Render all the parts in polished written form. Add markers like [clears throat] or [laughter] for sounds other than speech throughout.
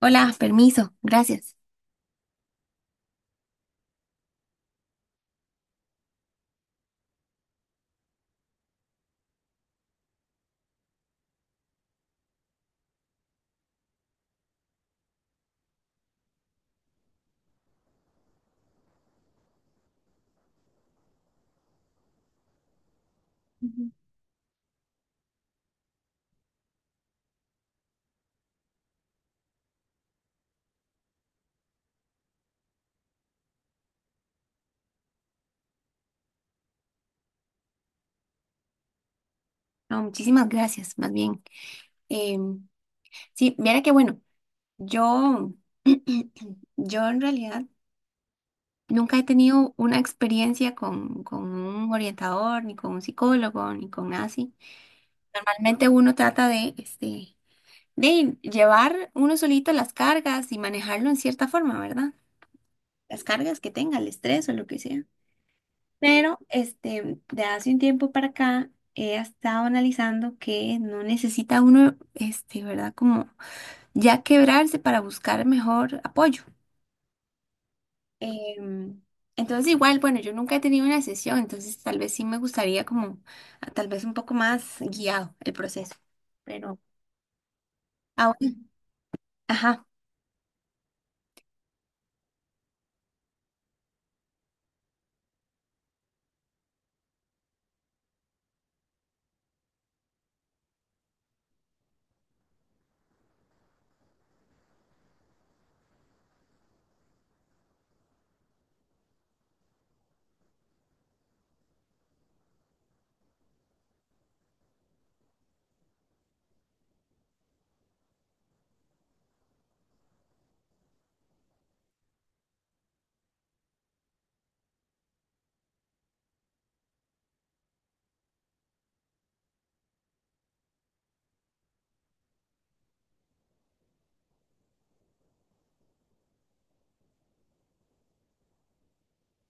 Hola, permiso, gracias. Ujú. No, muchísimas gracias, más bien. Em, sí, mira que bueno, yo, [clears throat] yo en realidad nunca he tenido una experiencia con un orientador, ni con un psicólogo, ni con nada así. Normalmente uno trata de de llevar uno solito las cargas y manejarlo en cierta forma, ¿verdad? Las cargas que tenga, el estrés o lo que sea. Pero este, de hace un tiempo para acá he estado analizando que no necesita uno, este, ¿verdad? Como ya quebrarse para buscar mejor apoyo. Em, entonces igual, bueno, yo nunca he tenido una sesión, entonces tal vez sí me gustaría como tal vez un poco más guiado el proceso. Pero ahora, ajá,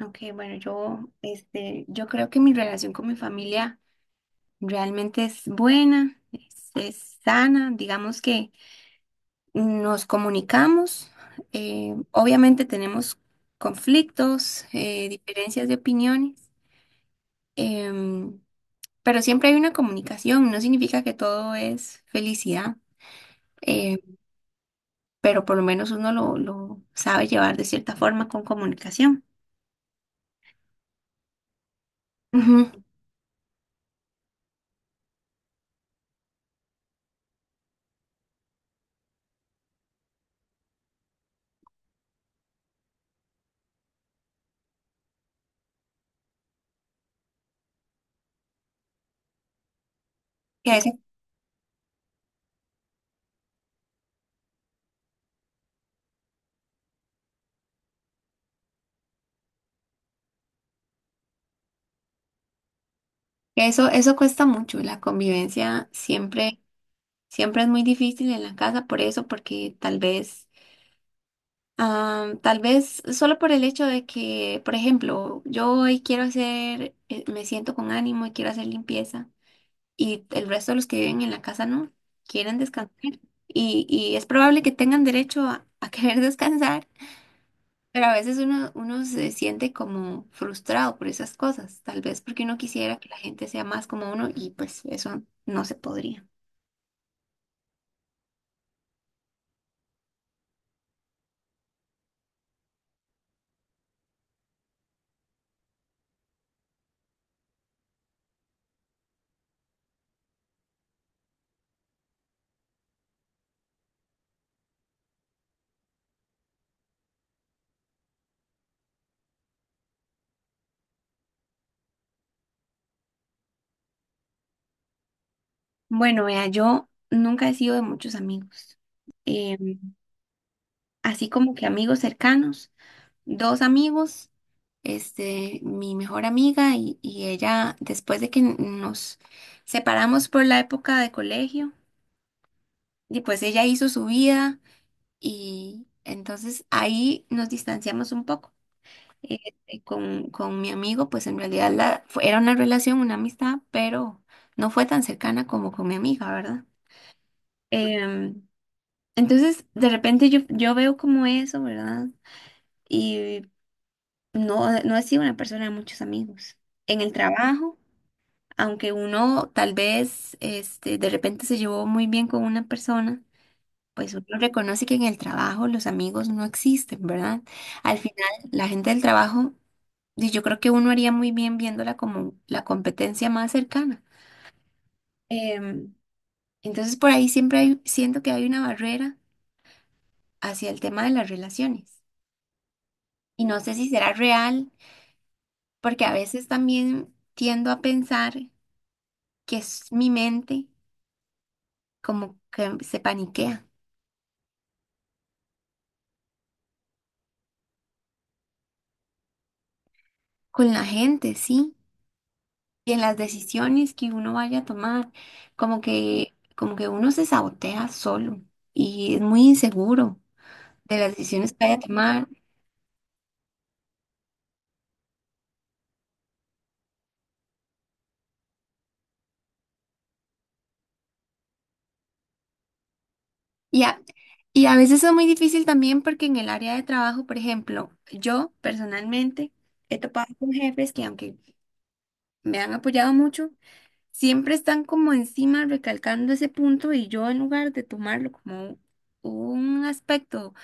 ok, bueno, yo creo que mi relación con mi familia realmente es buena, es sana, digamos que nos comunicamos, obviamente tenemos conflictos, diferencias de opiniones, em, pero siempre hay una comunicación, no significa que todo es felicidad, eh, pero por lo menos uno lo sabe llevar de cierta forma con comunicación. Ujú. Que eso, que eso cuesta mucho, la convivencia siempre es muy difícil en la casa por eso, porque tal vez, ah, tal vez solo por el hecho de que, por ejemplo, yo hoy quiero hacer, me siento con ánimo y quiero hacer limpieza y el resto de los que viven en la casa no, quieren descansar y es probable que tengan derecho a querer [laughs] descansar, pero a veces uno se siente como frustrado por esas cosas, tal vez porque uno quisiera que la gente sea más como uno y pues eso no se podría. Bueno, vea, yo nunca he sido de muchos amigos, em, así como que amigos cercanos. Dos amigos, este, mi mejor amiga y ella, después de que nos separamos por la época de colegio, y pues ella hizo su vida y entonces ahí nos distanciamos un poco. Eh, con mi amigo, pues en realidad era una relación, una amistad, pero no fue tan cercana como con mi amiga, ¿verdad? Em, entonces, de repente yo veo como eso, ¿verdad? Y no, no he sido una persona de muchos amigos. En el trabajo, aunque uno tal vez este, de repente se llevó muy bien con una persona, pues uno reconoce que en el trabajo los amigos no existen, ¿verdad? Al final, la gente del trabajo, y yo creo que uno haría muy bien viéndola como la competencia más cercana. Em, entonces, por ahí siento que hay una barrera hacia el tema de las relaciones. Y no sé si será real, porque a veces también tiendo a pensar que es mi mente como que se paniquea con la gente, ¿sí? Y en las decisiones que uno vaya a tomar, como que uno se sabotea solo y es muy inseguro de las decisiones que vaya a tomar. Y a, y a veces es muy difícil también porque en el área de trabajo, por ejemplo, yo personalmente he topado con jefes que aunque me han apoyado mucho, siempre están como encima recalcando ese punto y yo en lugar de tomarlo como un aspecto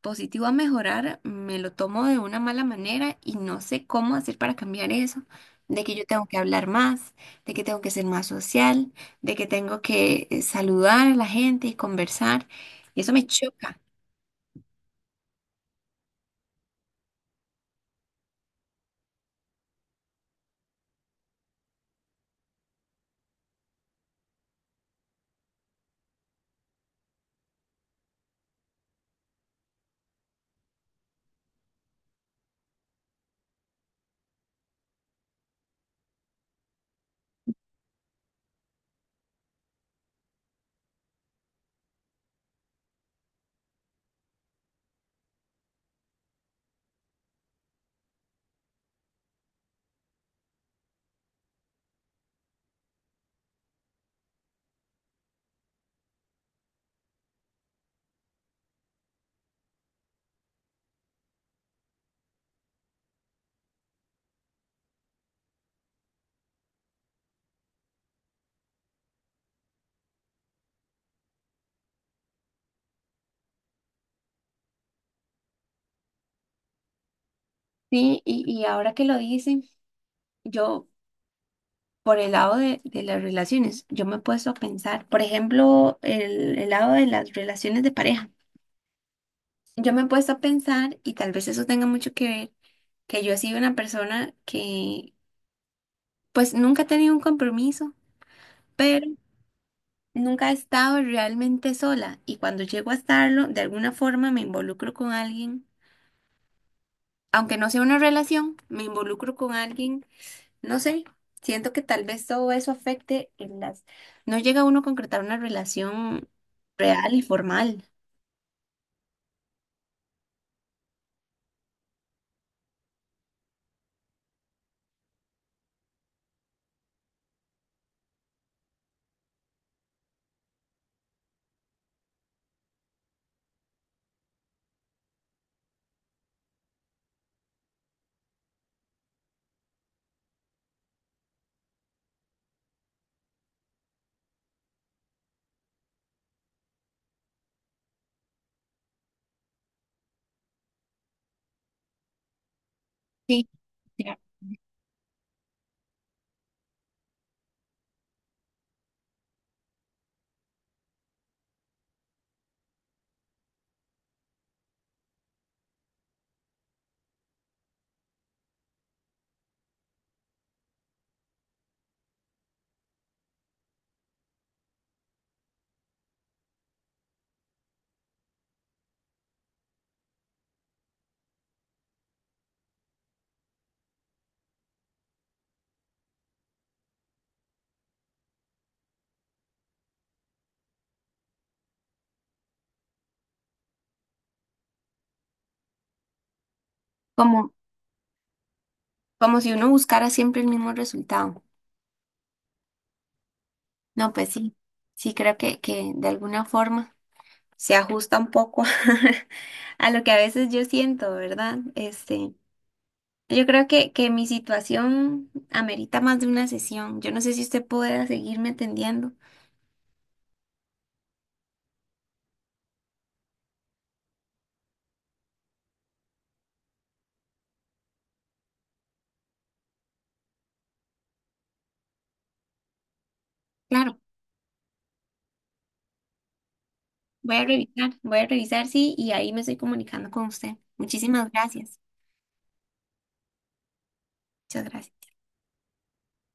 positivo a mejorar, me lo tomo de una mala manera y no sé cómo hacer para cambiar eso, de que yo tengo que hablar más, de que tengo que ser más social, de que tengo que saludar a la gente y conversar, y eso me choca. Sí, y ahora que lo dicen, yo por el lado de las relaciones, yo me he puesto a pensar, por ejemplo, el lado de las relaciones de pareja. Yo me he puesto a pensar, y tal vez eso tenga mucho que ver, que yo he sido una persona que pues nunca he tenido un compromiso, pero nunca he estado realmente sola. Y cuando llego a estarlo, de alguna forma me involucro con alguien, aunque no sea una relación, me involucro con alguien. No sé, siento que tal vez todo eso afecte en las... No llega uno a concretar una relación real y formal. Sí, ya. Como, como si uno buscara siempre el mismo resultado. No, pues sí, sí creo que de alguna forma se ajusta un poco [laughs] a lo que a veces yo siento, ¿verdad? Este, yo creo que mi situación amerita más de una sesión. Yo no sé si usted pueda seguirme atendiendo. Claro. Voy a revisar, sí, y ahí me estoy comunicando con usted. Muchísimas gracias. Muchas gracias.